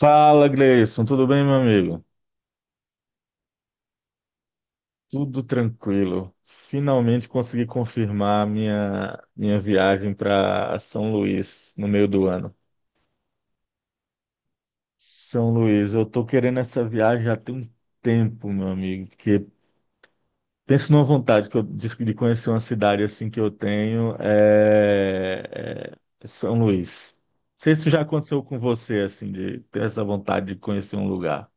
Fala, Gleison, tudo bem, meu amigo? Tudo tranquilo. Finalmente consegui confirmar minha viagem para São Luís no meio do ano. São Luís, eu tô querendo essa viagem já tem um tempo, meu amigo, porque penso numa vontade que eu disse de conhecer uma cidade assim que eu tenho é é São Luís. Não sei se isso já aconteceu com você assim de ter essa vontade de conhecer um lugar.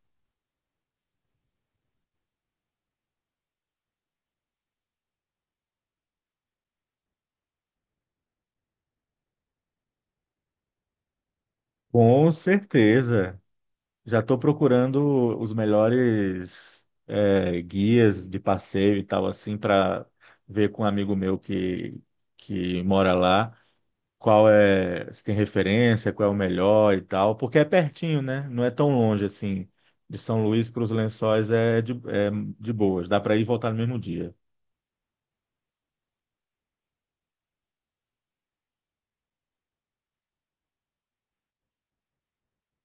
Com certeza. Já estou procurando os melhores guias de passeio e tal, assim, para ver com um amigo meu que mora lá qual é, se tem referência, qual é o melhor e tal, porque é pertinho, né? Não é tão longe assim. De São Luís para os Lençóis é de boas, dá para ir e voltar no mesmo dia.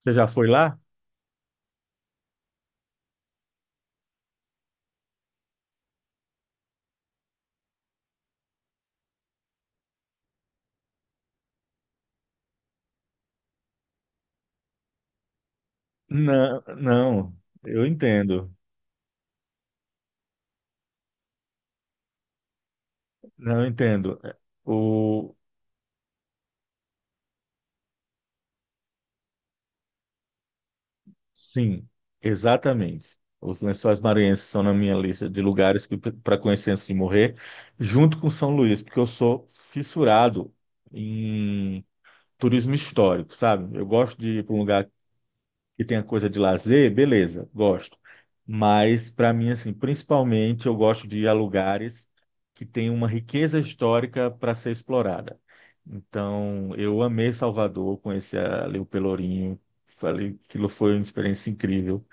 Você já foi lá? Não, não, eu entendo. Não, eu entendo. O, Sim, exatamente. Os Lençóis Maranhenses são na minha lista de lugares que para conhecer antes de morrer, junto com São Luís, porque eu sou fissurado em turismo histórico, sabe? Eu gosto de ir para um lugar que tenha coisa de lazer, beleza, gosto. Mas para mim assim, principalmente eu gosto de ir a lugares que têm uma riqueza histórica para ser explorada. Então, eu amei Salvador, conheci ali o Pelourinho, falei que aquilo foi uma experiência incrível.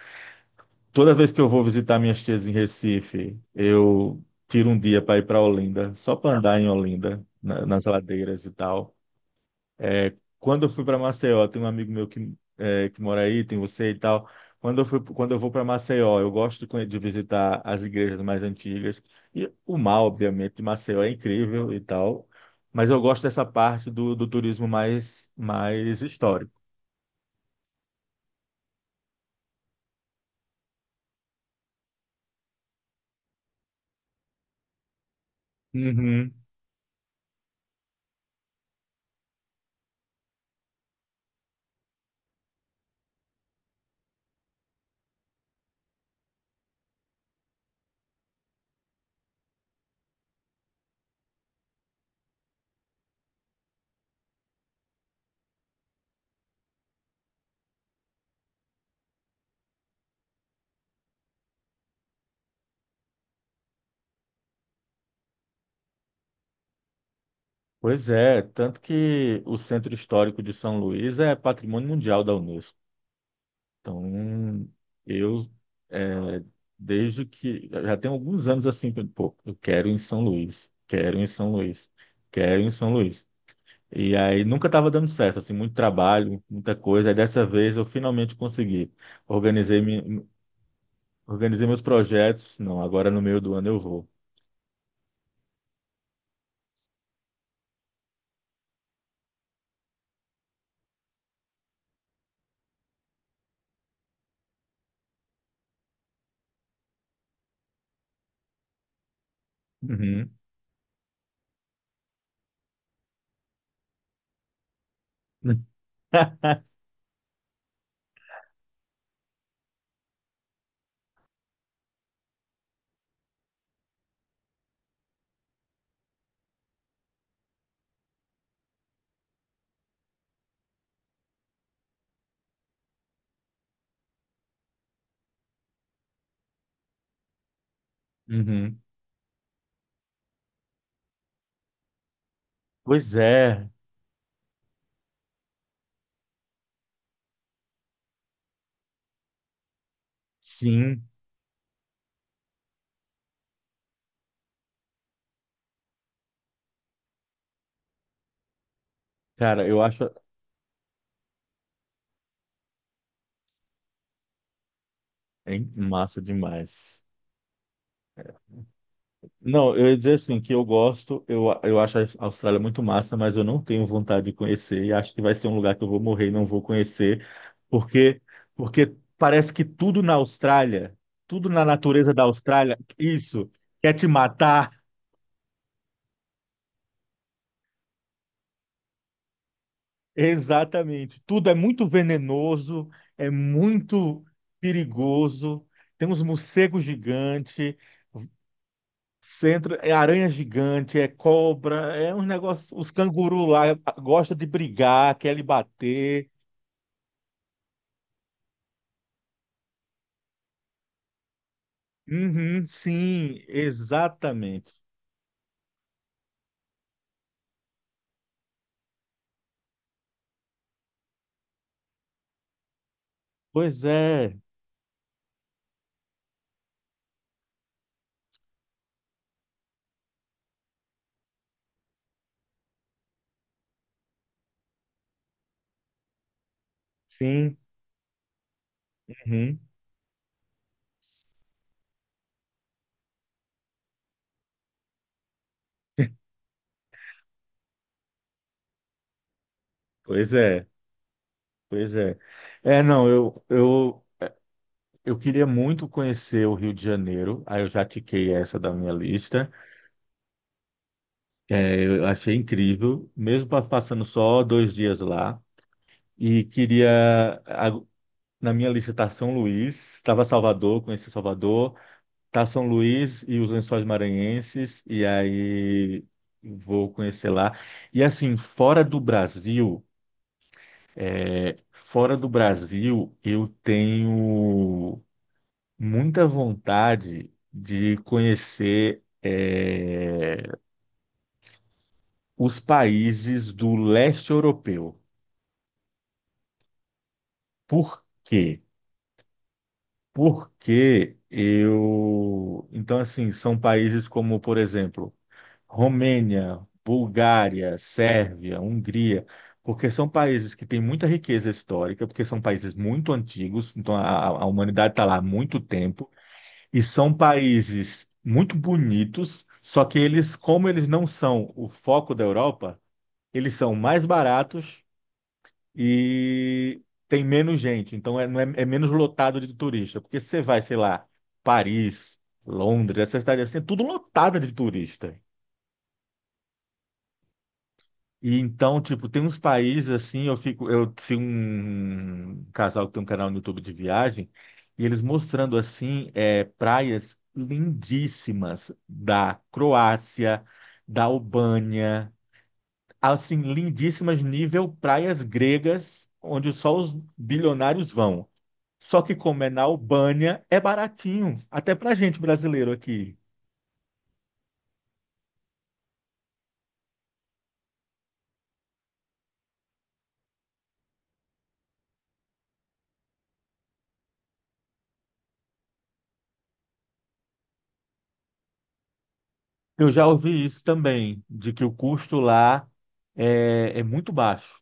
Toda vez que eu vou visitar minhas tias em Recife, eu tiro um dia para ir para Olinda, só para andar em Olinda, nas ladeiras e tal. Quando eu fui para Maceió, tem um amigo meu que mora aí, tem você e tal. Quando eu vou para Maceió, eu gosto de visitar as igrejas mais antigas. E o mar, obviamente, de Maceió é incrível e tal. Mas eu gosto dessa parte do turismo mais histórico. Uhum. Pois é, tanto que o Centro Histórico de São Luís é Patrimônio Mundial da Unesco. Então, eu, é, desde que, já tem alguns anos assim, que, pô, eu quero ir em São Luís, quero ir em São Luís, quero ir em São Luís. E aí nunca estava dando certo, assim, muito trabalho, muita coisa. Aí dessa vez eu finalmente consegui. Organizei, me, organizei meus projetos. Não, agora no meio do ano eu vou. Uhum. Uhum. Pois é, sim. Cara, eu acho. Hein? Massa demais. Não, eu ia dizer assim, que eu gosto, eu acho a Austrália muito massa, mas eu não tenho vontade de conhecer e acho que vai ser um lugar que eu vou morrer e não vou conhecer, porque, porque parece que tudo na Austrália, tudo na natureza da Austrália, isso, quer te matar. Exatamente. Tudo é muito venenoso, é muito perigoso. Tem uns morcegos gigantes. Centro é aranha gigante, é cobra, é uns negócios. Os cangurus lá gostam de brigar, quer lhe bater. Uhum, sim, exatamente. Pois é, sim. Uhum, pois é, pois é. É, não, eu queria muito conhecer o Rio de Janeiro, aí eu já tiquei essa da minha lista. É, eu achei incrível, mesmo passando só dois dias lá. E queria. Na minha lista está São Luís, estava Salvador, conheci Salvador, tá São Luís e os Lençóis Maranhenses, e aí vou conhecer lá. E assim, fora do Brasil, eu tenho muita vontade de conhecer os países do leste europeu. Por quê? Porque eu. Então, assim, são países como, por exemplo, Romênia, Bulgária, Sérvia, Hungria, porque são países que têm muita riqueza histórica, porque são países muito antigos, então humanidade está lá há muito tempo, e são países muito bonitos, só que eles, como eles não são o foco da Europa, eles são mais baratos e tem menos gente, então não é menos lotado de turista, porque você vai, sei lá, Paris, Londres, essas cidades assim, é tudo lotado de turista. E então, tipo, tem uns países assim, eu fico, eu sigo um casal que tem um canal no YouTube de viagem, e eles mostrando assim, é, praias lindíssimas da Croácia, da Albânia, assim, lindíssimas nível praias gregas, onde só os bilionários vão. Só que como é na Albânia, é baratinho, até pra gente brasileiro aqui. Eu já ouvi isso também, de que o custo lá é muito baixo.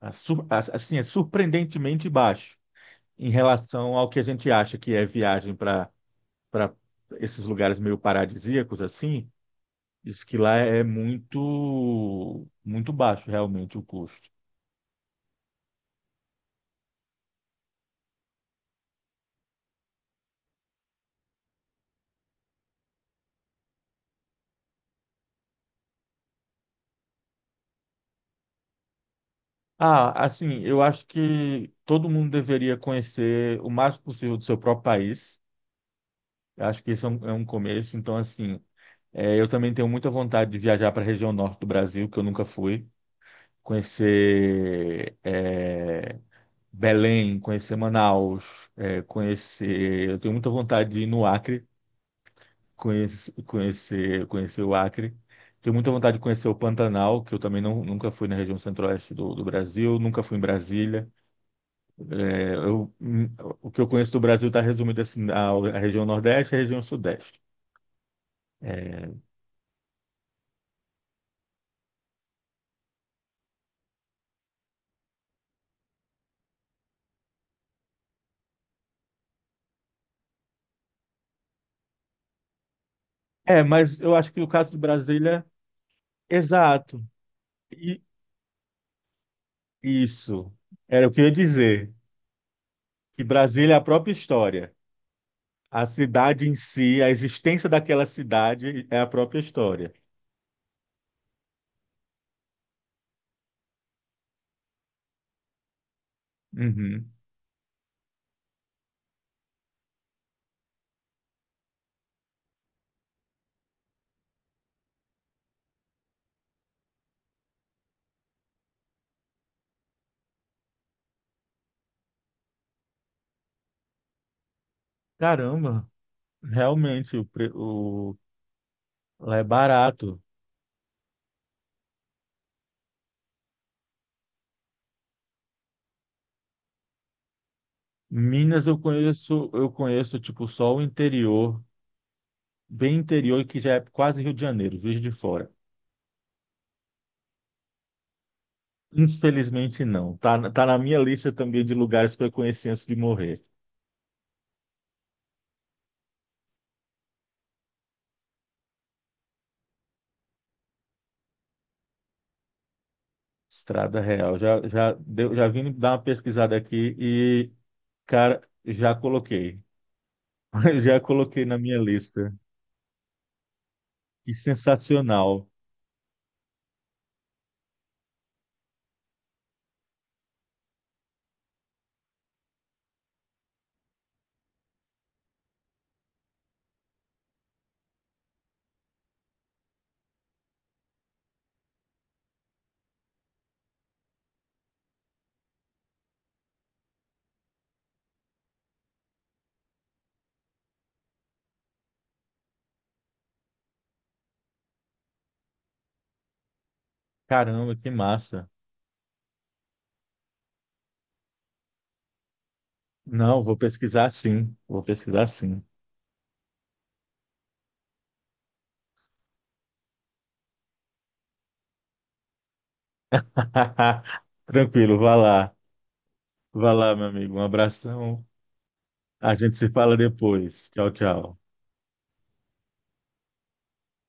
Assim, é surpreendentemente baixo em relação ao que a gente acha que é viagem para esses lugares meio paradisíacos assim. Diz que lá é muito baixo realmente o custo. Ah, assim, eu acho que todo mundo deveria conhecer o máximo possível do seu próprio país. Eu acho que isso é é um começo. Então, assim, é, eu também tenho muita vontade de viajar para a região norte do Brasil, que eu nunca fui, conhecer Belém, conhecer Manaus, é, conhecer. Eu tenho muita vontade de ir no Acre, conhecer o Acre. Tenho muita vontade de conhecer o Pantanal, que eu também não, nunca fui na região centro-oeste do Brasil, nunca fui em Brasília. É, eu, hum, o que eu conheço do Brasil está resumido assim, a região Nordeste e a região Sudeste. É, mas eu acho que o caso de Brasília, exato. E isso era o que eu ia dizer, que Brasília é a própria história. A cidade em si, a existência daquela cidade é a própria história. Uhum. Caramba, realmente lá é barato. Minas eu conheço tipo só o interior, bem interior que já é quase Rio de Janeiro, Juiz de Fora. Infelizmente não. Tá, tá na minha lista também de lugares que eu conheci antes de morrer. Estrada Real. Já vim dar uma pesquisada aqui e cara, já coloquei. Já coloquei na minha lista. Que sensacional. Caramba, que massa. Não, vou pesquisar sim. Vou pesquisar sim. Tranquilo, vá lá. Vá lá, meu amigo. Um abração. A gente se fala depois. Tchau, tchau.